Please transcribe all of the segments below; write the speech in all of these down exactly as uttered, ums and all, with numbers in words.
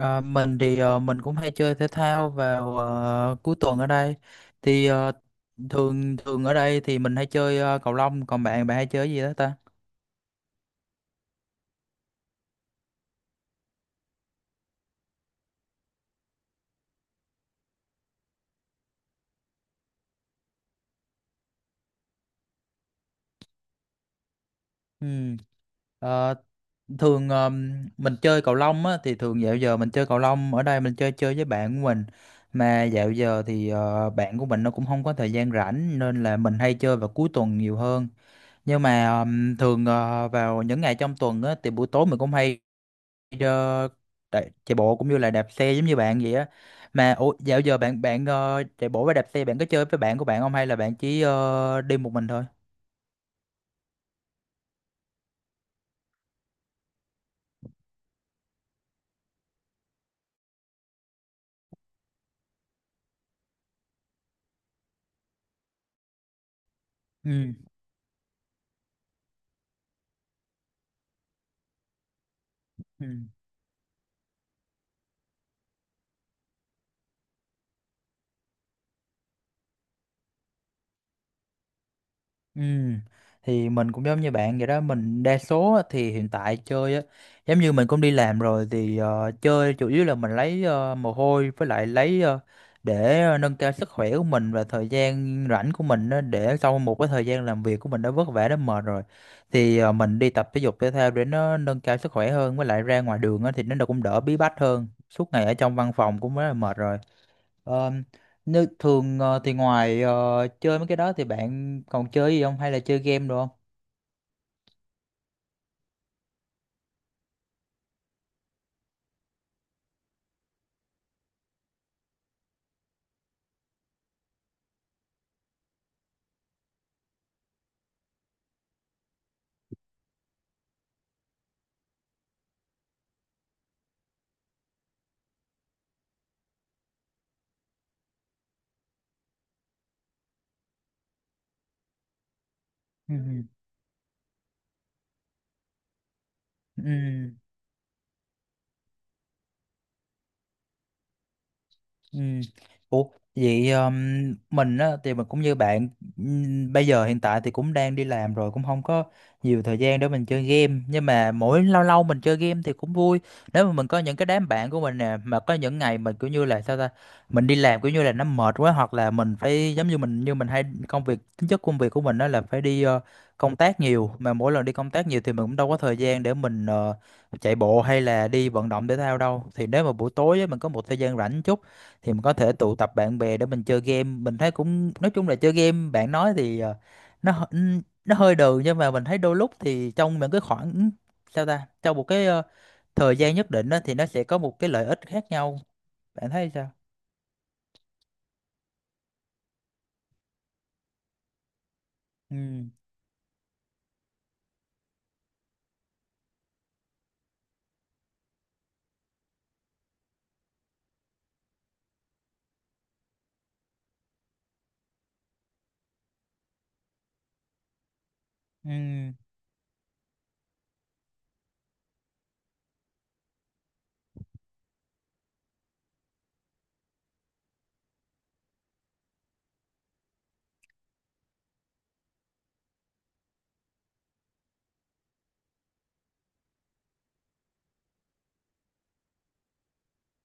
À, mình thì ờ, mình cũng hay chơi thể thao vào ờ, cuối tuần ở đây thì ờ, thường thường ở đây thì mình hay chơi ờ, cầu lông, còn bạn bạn hay chơi cái gì đó ta? Ừ. Ờ, thường ờm, mình chơi cầu lông á, thì thường dạo giờ mình chơi cầu lông ở đây mình chơi chơi với bạn của mình, mà dạo giờ thì ờ, bạn của mình nó cũng không có thời gian rảnh nên là mình hay chơi vào cuối tuần nhiều hơn, nhưng mà ừm, thường ờ, vào những ngày trong tuần á, thì buổi tối mình cũng hay uh, chạy, chạy bộ cũng như là đạp xe giống như bạn vậy á. Mà ủa, dạo giờ bạn bạn ờ, chạy bộ với đạp xe bạn có chơi với bạn của bạn không hay là bạn chỉ ờ, đi một mình thôi? Ừ. Ừ. Ừ. Thì mình cũng giống như bạn vậy đó, mình đa số á, thì hiện tại chơi á giống như mình cũng đi làm rồi thì ờ, chơi chủ yếu là mình lấy ờ, mồ hôi, với lại lấy ờ, để ờ, nâng cao sức khỏe của mình và thời gian rảnh của mình á, để sau một cái thời gian làm việc của mình đã vất vả đã mệt rồi thì ờ, mình đi tập thể dục thể thao để nó nâng cao sức khỏe hơn, với lại ra ngoài đường á, thì nó cũng đỡ bí bách hơn, suốt ngày ở trong văn phòng cũng rất là mệt rồi. Ờ, nếu thường ờ, thì ngoài ờ, chơi mấy cái đó thì bạn còn chơi gì không, hay là chơi game được không? Ừ. Ừ. Ừ. Ủa vậy um, mình á thì mình cũng như bạn, ừm, bây giờ hiện tại thì cũng đang đi làm rồi cũng không có nhiều thời gian để mình chơi game, nhưng mà mỗi lâu lâu mình chơi game thì cũng vui. Nếu mà mình có những cái đám bạn của mình nè mà có những ngày mình kiểu như là sao ta, mình đi làm kiểu như là nó mệt quá, hoặc là mình phải giống như mình như mình hay công việc tính chất công việc của mình đó là phải đi ờ, công tác nhiều, mà mỗi lần đi công tác nhiều thì mình cũng đâu có thời gian để mình ờ, chạy bộ hay là đi vận động thể thao đâu. Thì nếu mà buổi tối á, mình có một thời gian rảnh chút thì mình có thể tụ tập bạn bè để mình chơi game. Mình thấy cũng nói chung là chơi game bạn nói thì ờ, nó hơ- ừm, nó hơi đường, nhưng mà mình thấy đôi lúc thì trong những cái khoảng sao ta, trong một cái ờ, thời gian nhất định đó, thì nó sẽ có một cái lợi ích khác nhau. Bạn thấy sao? Ừ. Ừ.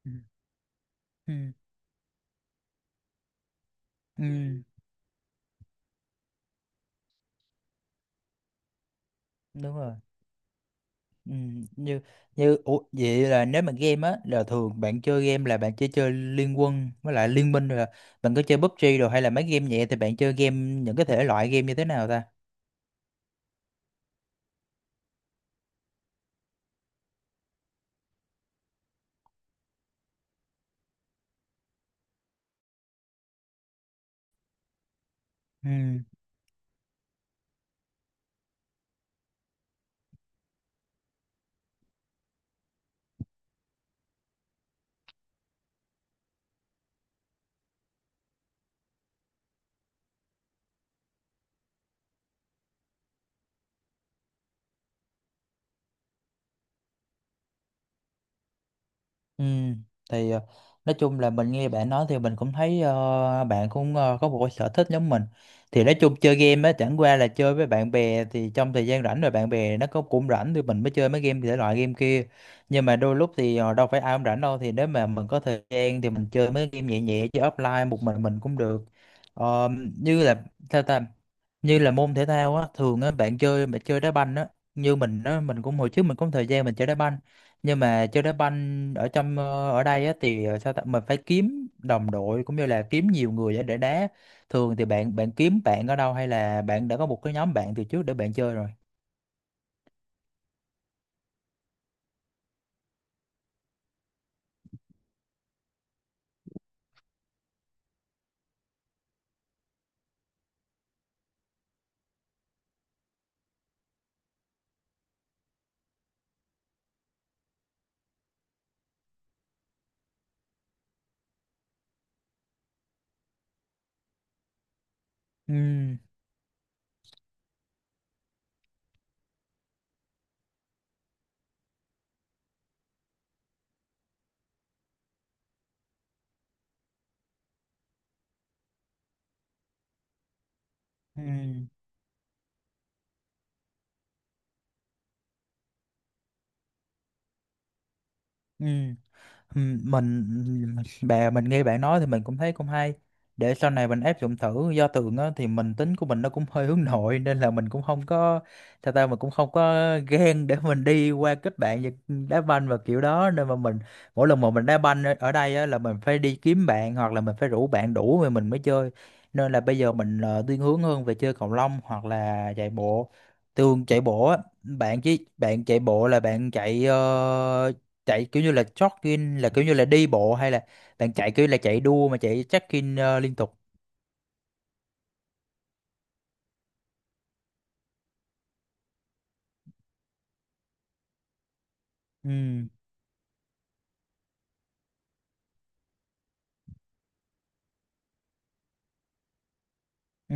Ừ. Ừ. Ừ, đúng rồi. Ừ. như như ủa, vậy là nếu mà game á là thường bạn chơi game là bạn chỉ chơi Liên Quân với lại Liên Minh rồi là bạn có chơi pi u bi gi rồi, hay là mấy game nhẹ thì bạn chơi game những cái thể loại game như thế nào ta? Ừ. Ừ. Thì ờ, nói chung là mình nghe bạn nói thì mình cũng thấy ờ, bạn cũng ờ, có một cái sở thích giống mình. Thì nói chung chơi game á chẳng qua là chơi với bạn bè thì trong thời gian rảnh, rồi bạn bè nó có cũng rảnh thì mình mới chơi mấy game thể loại game kia. Nhưng mà đôi lúc thì ờ, đâu phải ai cũng rảnh đâu, thì nếu mà mình có thời gian thì mình chơi mấy game nhẹ nhẹ chứ offline một mình mình cũng được. Ờ, như là sao ta, như là môn thể thao á, thường á bạn chơi bạn chơi đá banh á, như mình á, mình cũng hồi trước mình cũng thời gian mình chơi đá banh, nhưng mà chơi đá banh ở trong ờ, ở đây á thì ờ, sao ta mình phải kiếm đồng đội cũng như là kiếm nhiều người để để đá thường thì bạn bạn kiếm bạn ở đâu, hay là bạn đã có một cái nhóm bạn từ trước để bạn chơi rồi? Ừ. Ừ. Ừ. Ừm, mình bè mình nghe bạn nói thì mình cũng thấy cũng hay, để sau này mình áp dụng thử. Do tường á, thì mình tính của mình nó cũng hơi hướng nội nên là mình cũng không có sao ta, mình cũng không có ghen để mình đi qua kết bạn và đá banh và kiểu đó, nên mà mình mỗi lần mà mình đá banh ở ở đây á, là mình phải đi kiếm bạn hoặc là mình phải rủ bạn đủ rồi mình mới chơi. Nên là bây giờ mình ờ, thiên hướng hơn về chơi cầu lông hoặc là chạy bộ. Tường chạy bộ á, bạn chứ bạn chạy bộ là bạn chạy ờ, chạy kiểu như là jogging, là kiểu như là đi bộ, hay là bạn chạy kiểu là chạy đua mà chạy check-in ờ, liên tục? Ừ. Ừ.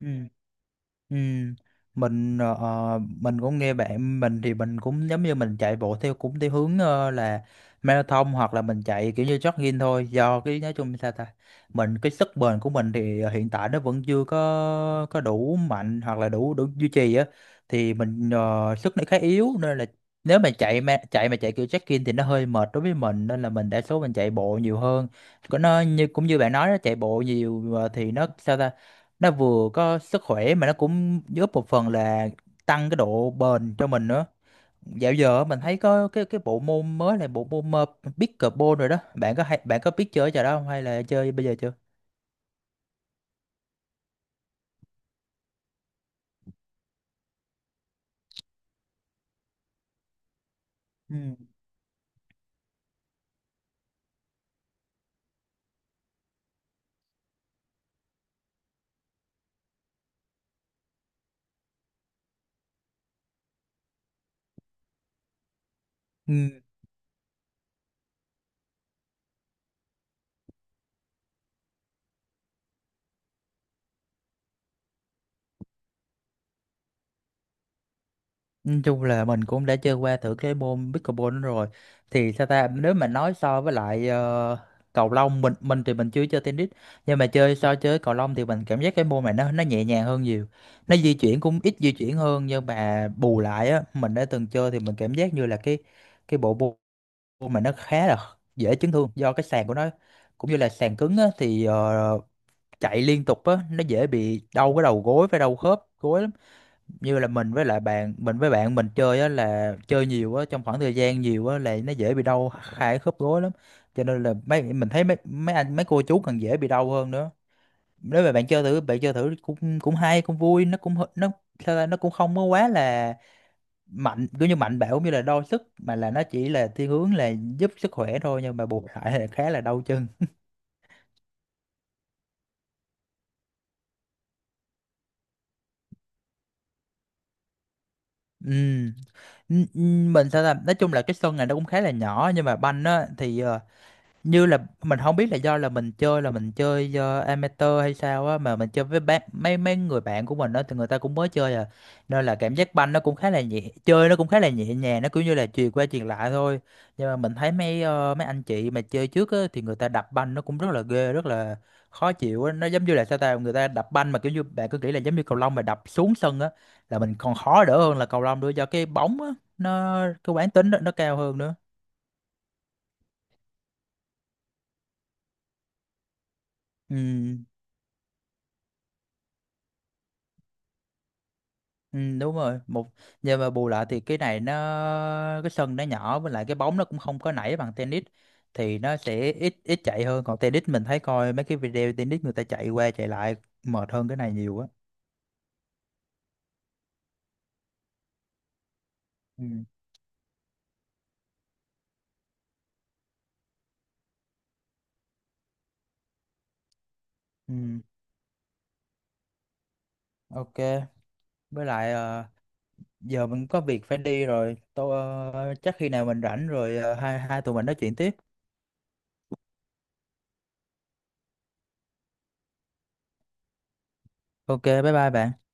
Ừ. Ừ. Mình ờ, ờ, mình cũng nghe bạn, mình thì mình cũng giống như mình chạy bộ theo cũng theo hướng ờ, là marathon, hoặc là mình chạy kiểu như jogging thôi, do cái nói chung sao ta, mình cái sức bền của mình thì hiện tại nó vẫn chưa có có đủ mạnh hoặc là đủ đủ duy trì á, thì mình ờ, sức nó khá yếu, nên là nếu mà chạy mà chạy mà chạy kiểu jogging thì nó hơi mệt đối với mình, nên là mình đa số mình chạy bộ nhiều hơn. Có nó như cũng như bạn nói đó, chạy bộ nhiều ờ, thì nó sao ta, nó vừa có sức khỏe mà nó cũng giúp một phần là tăng cái độ bền cho mình nữa. Dạo giờ mình thấy có cái cái bộ môn mới là bộ môn ờ, pickleball rồi đó, bạn có hay bạn có biết chơi trò đó không, hay là chơi bây giờ chưa? Ừ. Ừ, nói chung là mình cũng đã chơi qua thử cái môn pickleball đó rồi, thì sao ta nếu mà nói so với lại ờ, cầu lông, mình mình thì mình chưa chơi tennis, nhưng mà chơi so chơi cầu lông thì mình cảm giác cái môn này nó nó nhẹ nhàng hơn nhiều, nó di chuyển cũng ít di chuyển hơn, nhưng mà bù lại á mình đã từng chơi thì mình cảm giác như là cái cái bộ môn mà nó khá là dễ chấn thương, do cái sàn của nó cũng như là sàn cứng á, thì ờ, chạy liên tục á nó dễ bị đau cái đầu gối và đau khớp gối lắm. Như là mình với lại bạn mình, với bạn mình chơi á là chơi nhiều á, trong khoảng thời gian nhiều á là nó dễ bị đau hai khớp gối lắm, cho nên là mấy mình thấy mấy mấy anh mấy cô chú còn dễ bị đau hơn nữa. Nếu mà bạn chơi thử bạn chơi thử cũng cũng hay cũng vui, nó cũng hơ- nó sao ta, nó cũng không có quá là mạnh kiểu như mạnh bạo cũng như là đo sức, mà là nó chỉ là thiên hướng là giúp sức khỏe thôi, nhưng mà bù lại là khá là đau chân. Ừ. N- n- mình sao ta nói chung là cái sân này nó cũng khá là nhỏ, nhưng mà banh á thì ờ, như là mình không biết là do là mình chơi là mình chơi do amateur hay sao á, mà mình chơi với bạn mấy mấy người bạn của mình đó thì người ta cũng mới chơi à, nên là cảm giác banh nó cũng khá là nhẹ, chơi nó cũng khá là nhẹ nhàng, nó cũng như là chuyền qua chuyền lại thôi. Nhưng mà mình thấy mấy ờ, mấy anh chị mà chơi trước á thì người ta đập banh nó cũng rất là ghê, rất là khó chịu á, nó giống như là sao ta, người ta đập banh mà kiểu như bạn cứ nghĩ là giống như cầu lông mà đập xuống sân á, là mình còn khó đỡ hơn là cầu lông nữa, do cái bóng á nó cái quán tính nó, nó cao hơn nữa. Ừ. Ừ, đúng rồi. Một nhưng mà bù lại thì cái này nó cái sân nó nhỏ, với lại cái bóng nó cũng không có nảy bằng tennis, thì nó sẽ ít ít chạy hơn, còn tennis mình thấy coi mấy cái video tennis người ta chạy qua chạy lại mệt hơn cái này nhiều á. Ừ. Ừ, ok. Với lại ờ, giờ mình có việc phải đi rồi tôi, ờ, chắc khi nào mình rảnh rồi ờ, hai hai tụi mình nói chuyện tiếp. Ok, bye bye bạn.